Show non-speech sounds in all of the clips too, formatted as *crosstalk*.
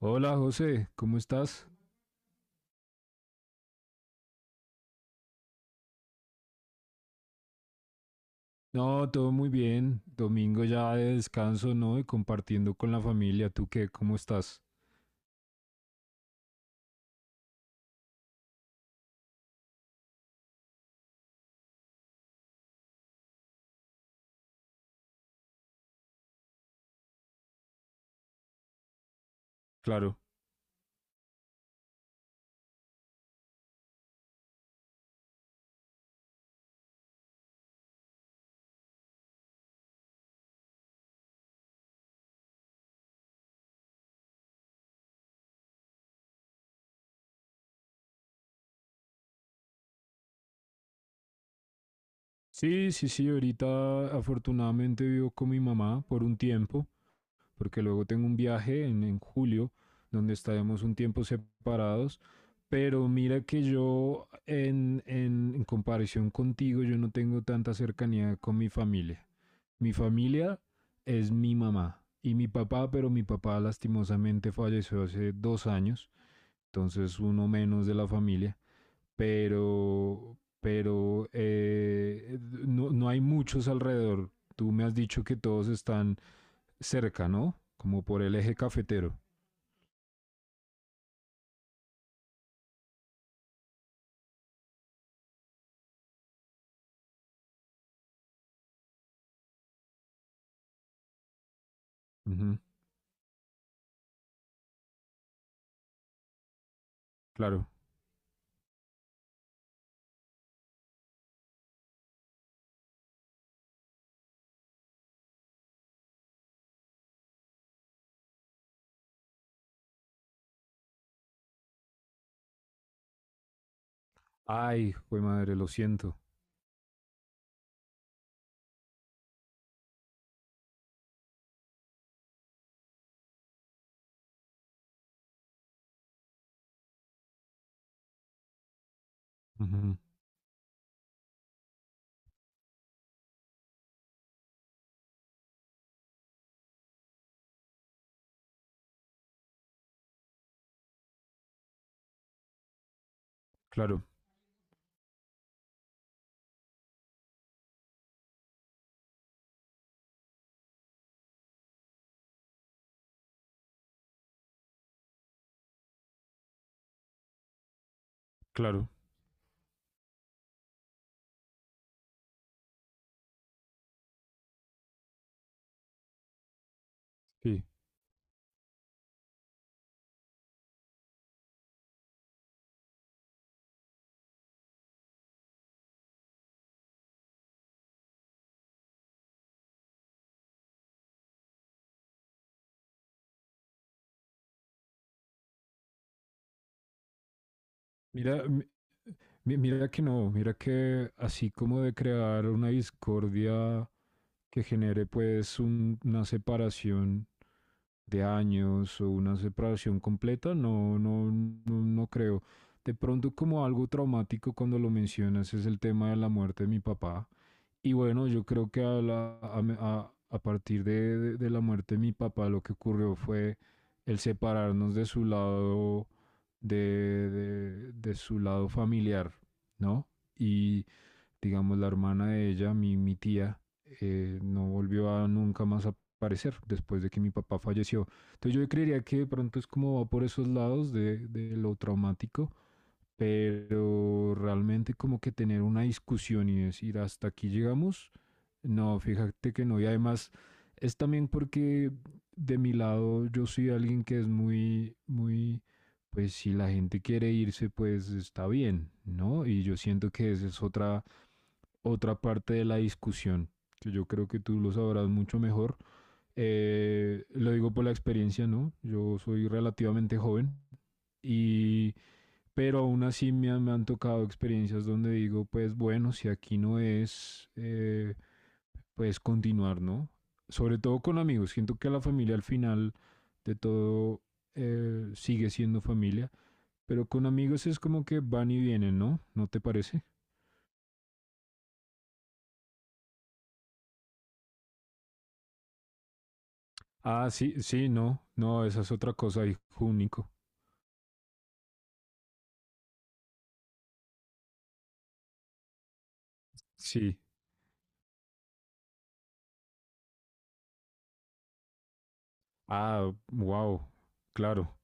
Hola José, ¿cómo estás? No, todo muy bien. Domingo ya de descanso, ¿no? Y compartiendo con la familia. ¿Tú qué? ¿Cómo estás? Claro. Sí, sí, sí. Ahorita afortunadamente vivo con mi mamá por un tiempo, porque luego tengo un viaje en julio, donde estaremos un tiempo separados. Pero mira que yo, en comparación contigo, yo no tengo tanta cercanía con mi familia. Mi familia es mi mamá y mi papá, pero mi papá lastimosamente falleció hace 2 años, entonces uno menos de la familia, pero, no hay muchos alrededor. Tú me has dicho que todos están cerca, ¿no? Como por el eje cafetero. Ujú, claro. Ay, güey madre, lo siento. Ujú. Claro, claro. Sí. Mira, mira que no, mira que así como de crear una discordia que genere pues una separación de años o una separación completa, no, no, no, no creo. De pronto como algo traumático cuando lo mencionas es el tema de la muerte de mi papá. Y bueno, yo creo que a, la- a me- a partir de la muerte de mi papá, lo que ocurrió fue el separarnos de su lado, de, de su lado familiar, ¿no? Y digamos, la hermana de ella, mi tía, no volvió a nunca más aparecer después de que mi papá falleció. Entonces yo creería que de pronto es como va por esos lados de lo traumático, pero realmente como que tener una discusión y decir hasta aquí llegamos no, fíjate que no. Y además es también porque de mi lado yo soy alguien que es muy, muy, pues si la gente quiere irse, pues está bien, ¿no? Y yo siento que esa es otra parte de la discusión, que yo creo que tú lo sabrás mucho mejor. Lo digo por la experiencia, ¿no? Yo soy relativamente joven y pero aún así me han tocado experiencias donde digo, pues bueno, si aquí no es, pues continuar, ¿no? Sobre todo con amigos. Siento que la familia al final de todo sigue siendo familia, pero con amigos es como que van y vienen, ¿no? ¿No te parece? Ah, sí, sí, no, no, esa es otra cosa, hijo único. Sí. Ah, wow, claro.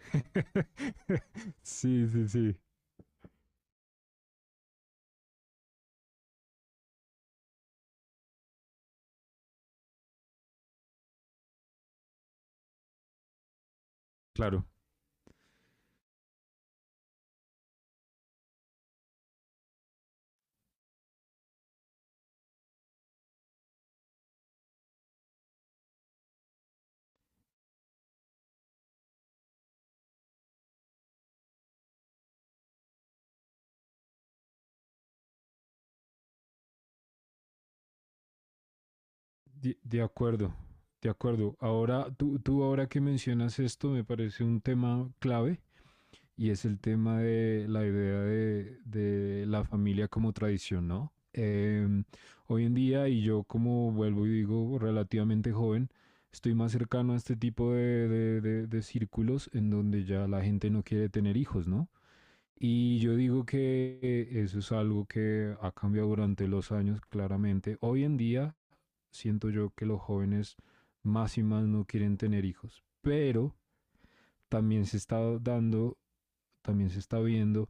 *laughs* Sí, sí, sí, claro. De acuerdo, de acuerdo. Ahora, tú ahora que mencionas esto, me parece un tema clave. Y es el tema de la idea de la familia como tradición, ¿no? Hoy en día, y yo como vuelvo y digo, relativamente joven, estoy más cercano a este tipo de círculos en donde ya la gente no quiere tener hijos, ¿no? Y yo digo que eso es algo que ha cambiado durante los años, claramente. Hoy en día siento yo que los jóvenes más y más no quieren tener hijos, pero también se está dando, también se está viendo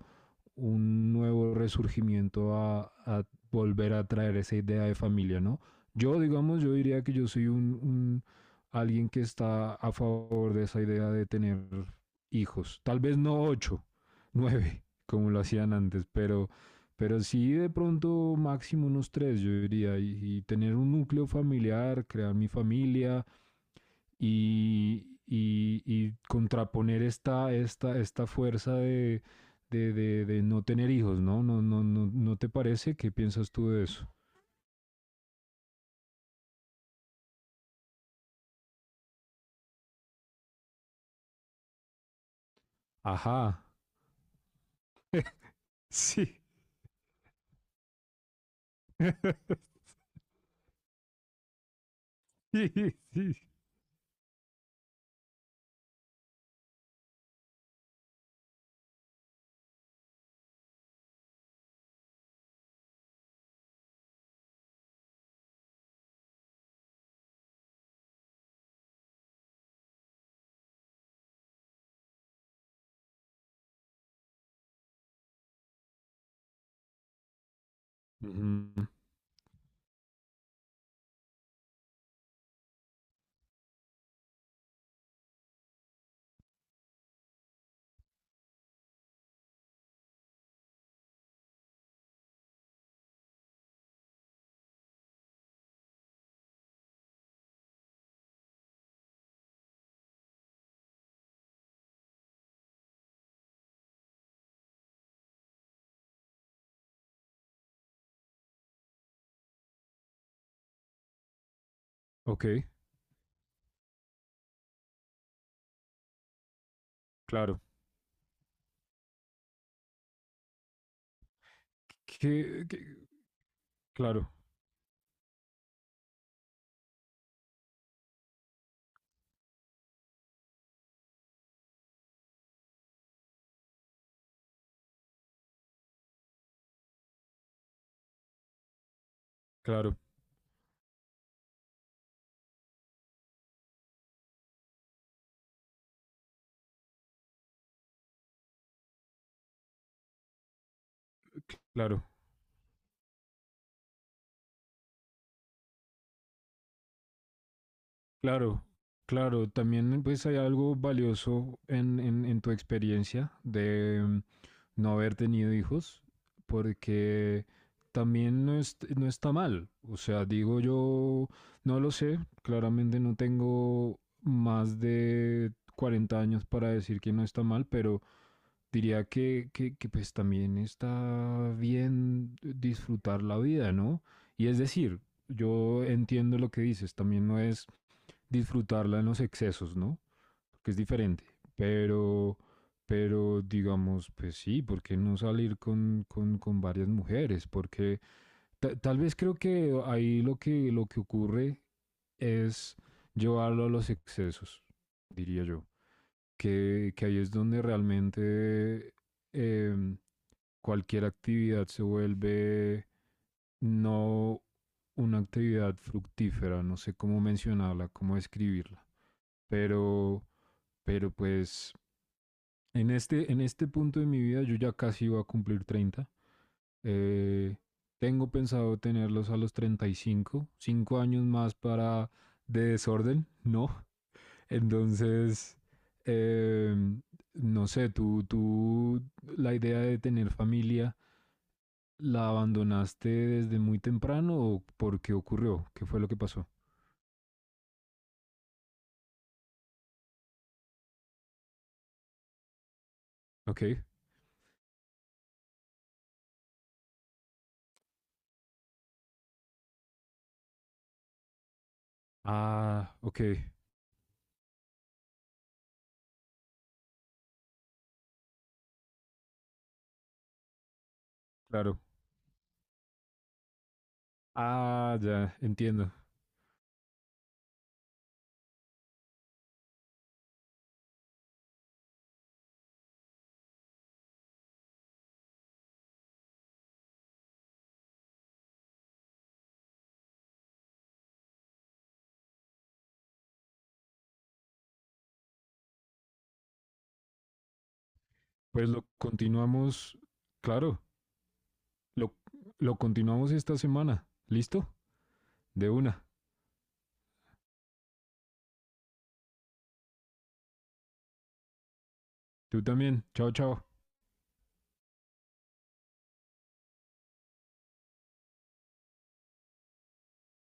un nuevo resurgimiento a volver a traer esa idea de familia, ¿no? Yo, digamos, yo diría que yo soy un alguien que está a favor de esa idea de tener hijos. Tal vez no ocho, *laughs* nueve, como lo hacían antes, pero sí de pronto máximo unos tres, yo diría, y tener un núcleo familiar, crear mi familia, y contraponer esta fuerza de no tener hijos, ¿no? ¿no? No, no, ¿No te parece? ¿Qué piensas tú de eso? Ajá. Sí. *laughs* Sí, sí. Ujú. Ok, claro. Que- que- claro, claro, claro, claro, claro. También pues hay algo valioso en tu experiencia de, no haber tenido hijos, porque también no, no está mal. O sea, digo yo, no lo sé, claramente no tengo más de 40 años para decir que no está mal, pero diría que, pues también está bien disfrutar la vida, ¿no? Y es decir, yo entiendo lo que dices, también no es disfrutarla en los excesos, ¿no? Porque es diferente. Pero, pero digamos, pues sí, ¿por qué no salir con varias mujeres? Porque tal vez creo que ahí lo que ocurre es llevarlo a los excesos, diría yo. Que ahí es donde realmente em, cualquier actividad se vuelve no una actividad fructífera, no sé cómo mencionarla, cómo escribirla. Pero, pero pues en este punto de mi vida yo ya casi voy a cumplir 30. Eh, tengo pensado tenerlos a los 35, 5 años más para de desorden, *laughs* ¿no? Entonces, eh, no sé, tú la idea de tener familia, ¿la abandonaste desde muy temprano o por qué ocurrió? ¿Qué fue lo que pasó? Ok. Ah, ok, claro. Ah, ya, entiendo. Pues lo continuamos, claro, lo, lo continuamos esta semana. ¿Listo? De una. Tú también. Chao, chao.